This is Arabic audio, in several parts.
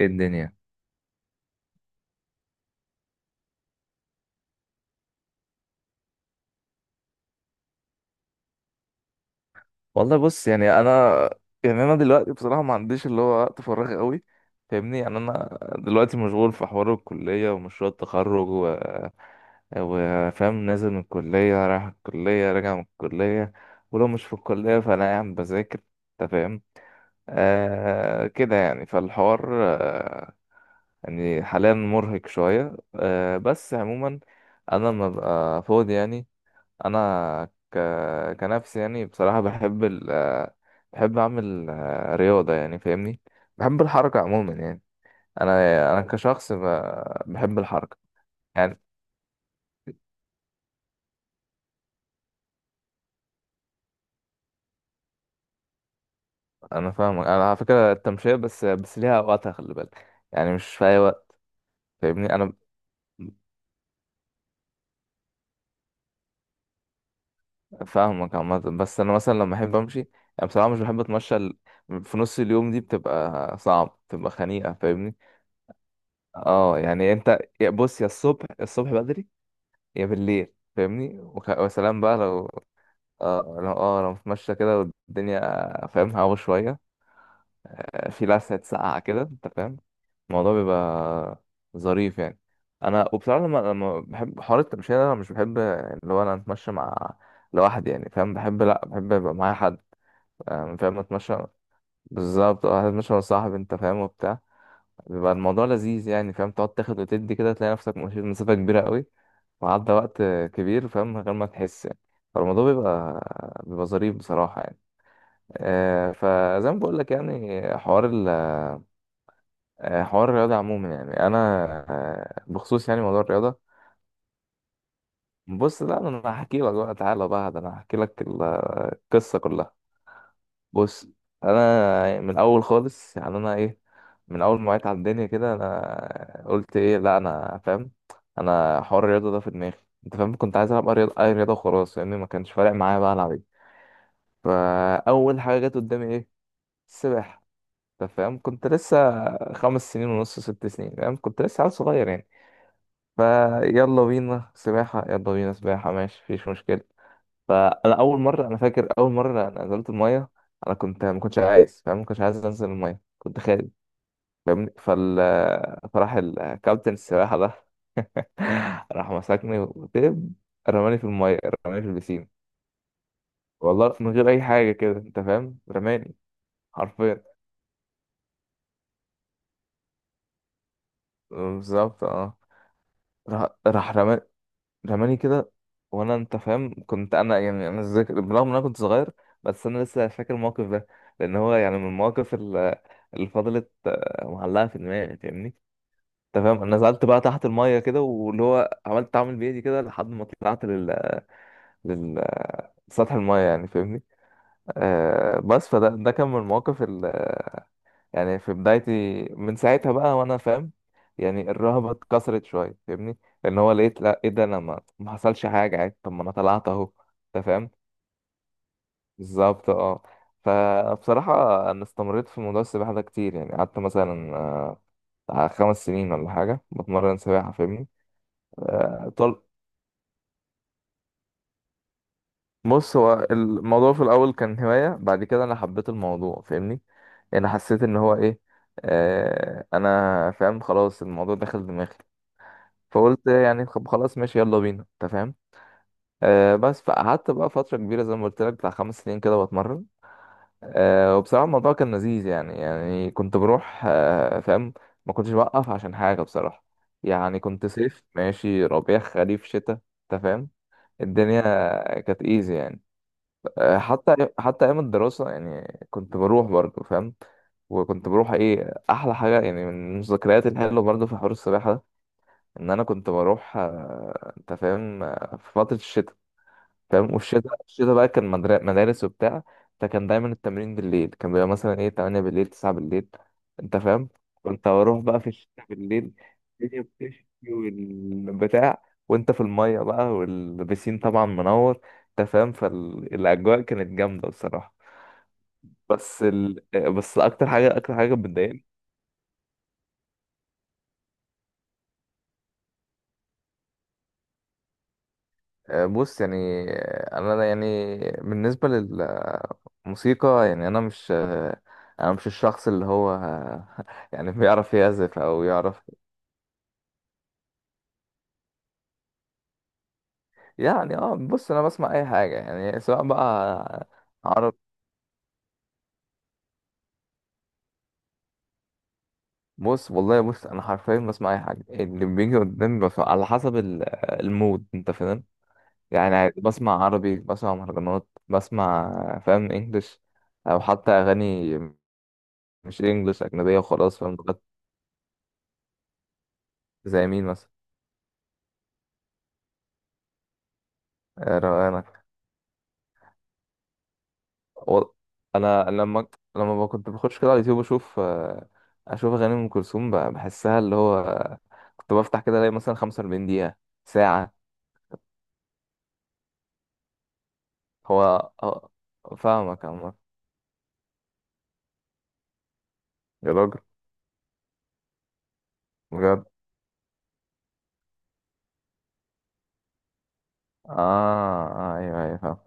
ايه الدنيا؟ والله بص، يعني انا دلوقتي بصراحه ما عنديش اللي هو وقت فراغ قوي. فاهمني، يعني انا دلوقتي مشغول في حوار الكليه ومشروع التخرج و وفاهم، نازل من الكليه، رايح الكليه، راجع من الكليه. ولو مش في الكليه فانا قاعد بذاكر، انت فاهم. كده يعني فالحوار، يعني حاليا مرهق شويه، بس عموما. انا لما ببقى فاضي يعني، انا كنفسي، يعني بصراحه بحب ال... آه، بحب اعمل رياضه، يعني فاهمني، بحب الحركه عموما يعني. انا كشخص بحب الحركه. يعني انا فاهمك، انا على فكره التمشيه بس ليها اوقاتها، خلي بالك، يعني مش في اي وقت. فاهمني. انا فاهمك عامه، بس انا مثلا لما احب امشي، يعني بصراحه مش بحب اتمشى في نص اليوم، دي بتبقى صعب، بتبقى خنيقه، فاهمني. اه يعني انت، بص يا الصبح بدري، يا بالليل فاهمني، وسلام بقى لو، لو متمشى كده والدنيا فاهم، هوا شوية، في لسعة ساقعة كده، انت فاهم. الموضوع بيبقى ظريف يعني. انا وبصراحة لما بحب حوار التمشية ده، انا مش بحب اللي هو انا اتمشى مع لوحدي، يعني فاهم، بحب لا، بحب يبقى معايا حد. فاهم، اتمشى، بالظبط اه، اتمشى مع صاحبي، انت فاهم وبتاع. بيبقى الموضوع لذيذ يعني فاهم، تقعد تاخد وتدي كده، تلاقي نفسك مشيت مسافة كبيرة قوي، وعدى وقت كبير فاهم من غير ما تحس يعني. فالموضوع بيبقى ظريف بصراحة يعني. فزي ما بقول لك يعني حوار ال، حوار الرياضة عموما، يعني أنا، بخصوص يعني موضوع الرياضة. بص لا، أنا هحكي لك بقى، تعالى بقى ده أنا هحكي لك القصة كلها. بص انا من الاول خالص، يعني انا ايه، من اول ما وعيت على الدنيا كده، انا قلت ايه لا انا فاهم، انا حوار الرياضه ده في دماغي، انت فاهم، كنت عايز العب اي رياضه، أي رياضة، وخلاص، لان ما كانش فارق معايا بقى العب ايه. فاول حاجه جت قدامي ايه؟ السباحه. انت فاهم كنت لسه خمس سنين ونص، ست سنين، فاهم كنت لسه عيل صغير يعني. فيلا بينا سباحه، يلا بينا سباحه، ماشي مفيش مشكله. فانا اول مره، انا فاكر اول مره انا نزلت الميه، انا كنت ما كنتش عايز فاهم، ما كنتش عايز انزل الميه، كنت خايف، فاهمني. فراح الكابتن السباحه ده راح مسكني وتب، رماني في الميه، رماني في البسين، والله من غير اي حاجه كده، انت فاهم، رماني حرفيا. بالظبط اه، راح رماني كده. وانا انت فاهم، كنت انا، يعني انا ذاكر برغم ان انا كنت صغير، بس انا لسه فاكر الموقف ده، لان هو يعني من المواقف، اللي فضلت معلقه في دماغي، فاهمني. انت فاهم، انا نزلت بقى تحت الميه كده، واللي هو عملت اعمل بايدي كده، لحد ما طلعت لل سطح الميه يعني فاهمني. بس فده كان من المواقف، يعني في بدايتي، من ساعتها بقى وانا فاهم، يعني الرهبة اتكسرت شوية، فاهمني، لان هو لقيت لا، ايه ده، انا ما حصلش حاجة عادي، طب ما انا طلعت اهو، انت فاهم، بالظبط اه. فبصراحة انا استمريت في موضوع السباحة ده كتير يعني، قعدت مثلا بتاع خمس سنين ولا حاجة بتمرن سباحة فاهمني. آه، طل بص هو الموضوع في الاول كان هواية، بعد كده انا حبيت الموضوع فاهمني، انا حسيت ان هو ايه، انا فاهم خلاص الموضوع دخل دماغي، فقلت يعني خلاص ماشي، يلا بينا، انت فاهم. بس فقعدت بقى فترة كبيرة زي ما قلت لك بتاع خمس سنين كده بتمرن. وبصراحة الموضوع كان لذيذ يعني، يعني كنت بروح فاهم، ما كنتش بوقف عشان حاجة بصراحة، يعني كنت صيف، ماشي ربيع، خريف، شتاء، انت فاهم، الدنيا كانت ايزي يعني. حتى ايام الدراسة يعني كنت بروح برضه فاهم، وكنت بروح ايه، احلى حاجه يعني، من الذكريات الحلوه برضه في حوار السباحه، ان انا كنت بروح انت فاهم، في فترة الشتاء فاهم، والشتاء، الشتاء بقى كان مدارس وبتاع، فكان دايما التمرين بالليل، كان بيبقى مثلا ايه 8 بالليل، 9 بالليل، انت فاهم. كنت بروح بقى في الشتاء بالليل، الدنيا بتشتي والبتاع، وانت في المية بقى، والبسين طبعا منور، انت فاهم، فالاجواء كانت جامدة بصراحة. بس ال... بس اكتر حاجة، اكتر حاجة بتضايقني. بص يعني، انا يعني، بالنسبة لل موسيقى، يعني انا مش الشخص اللي هو يعني بيعرف يعزف او يعرف. يعني اه، بص انا بسمع اي حاجه، يعني سواء بقى عرب بص والله، بص انا حرفيا بسمع اي حاجه اللي بيجي قدامي، بسمع على حسب المود، انت فاهم. يعني عادي بسمع عربي، بسمع مهرجانات، بسمع فاهم انجلش، او حتى اغاني مش انجلش اجنبيه وخلاص، فاهم لغات، زي مين مثلا؟ روقان و... انا لما كنت بخش كده على اليوتيوب اشوف اشوف اغاني ام كلثوم، بحسها اللي هو، كنت بفتح كده الاقي مثلا 45 دقيقة، ساعة. هو فاهمك يا عمر. يا راجل بجد. اه، ايوه ايوه فاهم.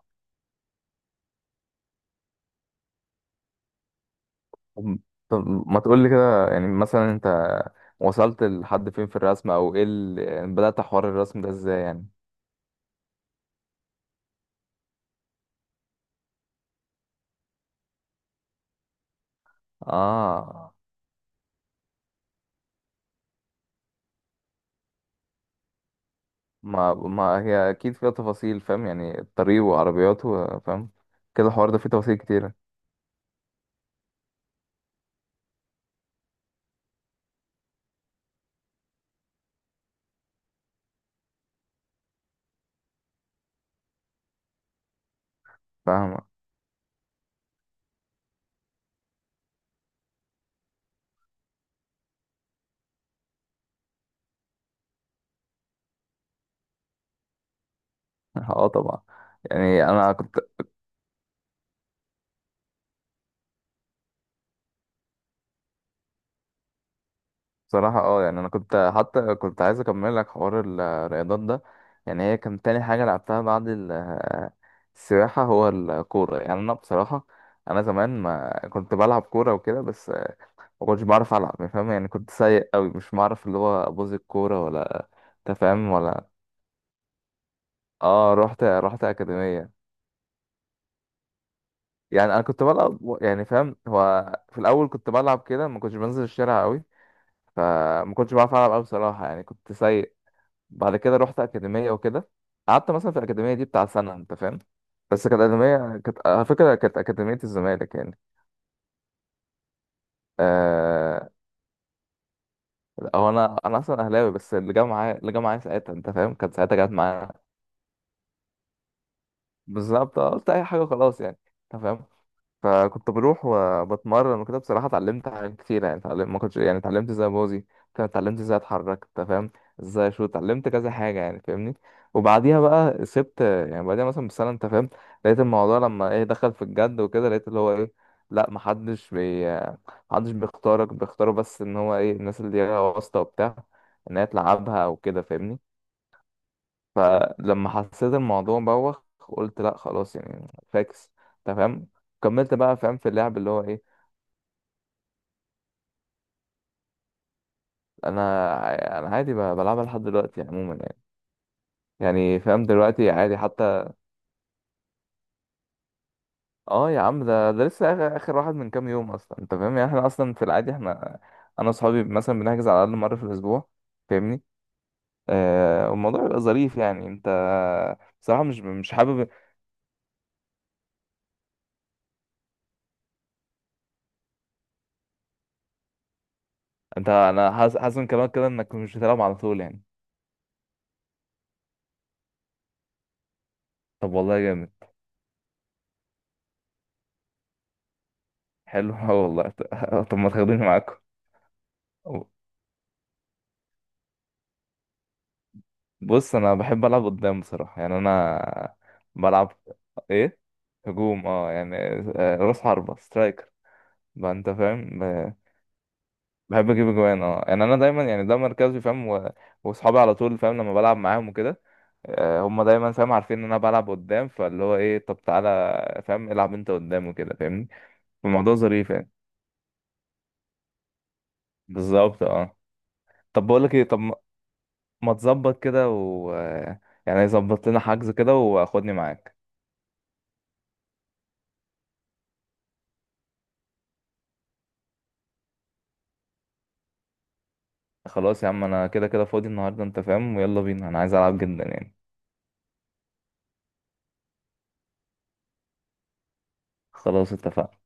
طب طب ما تقول لي كده، يعني مثلا انت وصلت لحد فين في الرسم، او ايه اللي، يعني بدأت حوار الرسم ده ازاي يعني؟ اه ما هي اكيد فيها تفاصيل فاهم، يعني الطريق وعربياته فاهم كده، الحوار ده فيه تفاصيل كتيرة، فاهمة. اه طبعا. يعني انا كنت بصراحة، اه يعني انا كنت حتى كنت عايز اكمل لك حوار الرياضات ده، يعني هي كان تاني حاجة لعبتها بعد السباحة، هو الكورة، يعني انا بصراحة، انا زمان ما كنت بلعب كورة وكده، بس ما كنتش بعرف العب، يعني فاهم، يعني كنت سيء قوي، مش بعرف اللي هو ابوظ الكورة ولا تفهم ولا. اه، رحت اكاديمية. يعني انا كنت بلعب يعني فاهم، هو في الاول كنت بلعب كده، ما كنتش بنزل الشارع قوي، فما كنتش بعرف العب قوي بصراحه، يعني كنت سيء. بعد كده رحت اكاديميه وكده، قعدت مثلا في الاكاديميه دي بتاع سنه، انت فاهم، بس كانت اكاديميه، كانت على فكره كانت اكاديميه الزمالك يعني. آه... هو انا، انا اصلا اهلاوي، بس اللي جه معايا، ساعتها انت فاهم، كانت ساعتها جت معايا، بالظبط. قلت اي حاجه خلاص يعني، انت فاهم. فكنت بروح وبتمرن وكده، بصراحة اتعلمت حاجات كتير، يعني اتعلمت، ما كنتش يعني، اتعلمت ازاي بوزي، اتعلمت ازاي اتحرك، انت فاهم، ازاي اشوط، اتعلمت كذا حاجة يعني فاهمني. وبعديها بقى سبت، يعني بعديها مثلا بسنة، انت فاهم لقيت الموضوع لما ايه دخل في الجد وكده، لقيت اللي هو ايه، لا محدش بيختارك، بيختاروا بس ان هو ايه، الناس اللي هي واسطة وبتاع، ان هي تلعبها وكده فاهمني. فلما حسيت الموضوع بوخ، قلت لا خلاص يعني، فاكس، تمام، كملت بقى فاهم في اللعب اللي هو ايه. انا عادي بلعبها لحد دلوقتي عموما يعني، يعني فاهم دلوقتي عادي حتى. اه يا عم، ده لسه آخر واحد من كام يوم اصلا، انت فاهم، يعني احنا اصلا في العادي، احنا انا وصحابي مثلا بنحجز على الاقل مره في الاسبوع، فاهمني. والموضوع بيبقى ظريف يعني، انت بصراحه، مش حابب. انت، انا حاسس من كلامك كده انك مش بتلعب على طول يعني. طب والله جامد. حلو. اه والله طب ما تاخدوني معاكم. بص انا بحب العب قدام بصراحه، يعني انا بلعب ايه، هجوم اه يعني، راس حربه، سترايكر بقى، انت فاهم، بحب اجيب اجوان، اه يعني انا دايما، يعني ده مركزي فاهم، واصحابي على طول فاهم لما بلعب معاهم وكده، هم دايما فاهم عارفين ان انا بلعب قدام، فاللي هو ايه، طب تعالى فاهم العب انت قدام وكده فاهمني. الموضوع ظريف يعني، بالظبط اه. طب بقول لك ايه، طب ما تظبط كده و، يعني يظبط لنا حجز كده واخدني معاك. خلاص يا عم، انا كده كده فاضي النهارده، انت فاهم، ويلا بينا، انا عايز العب جدا يعني. خلاص اتفقنا.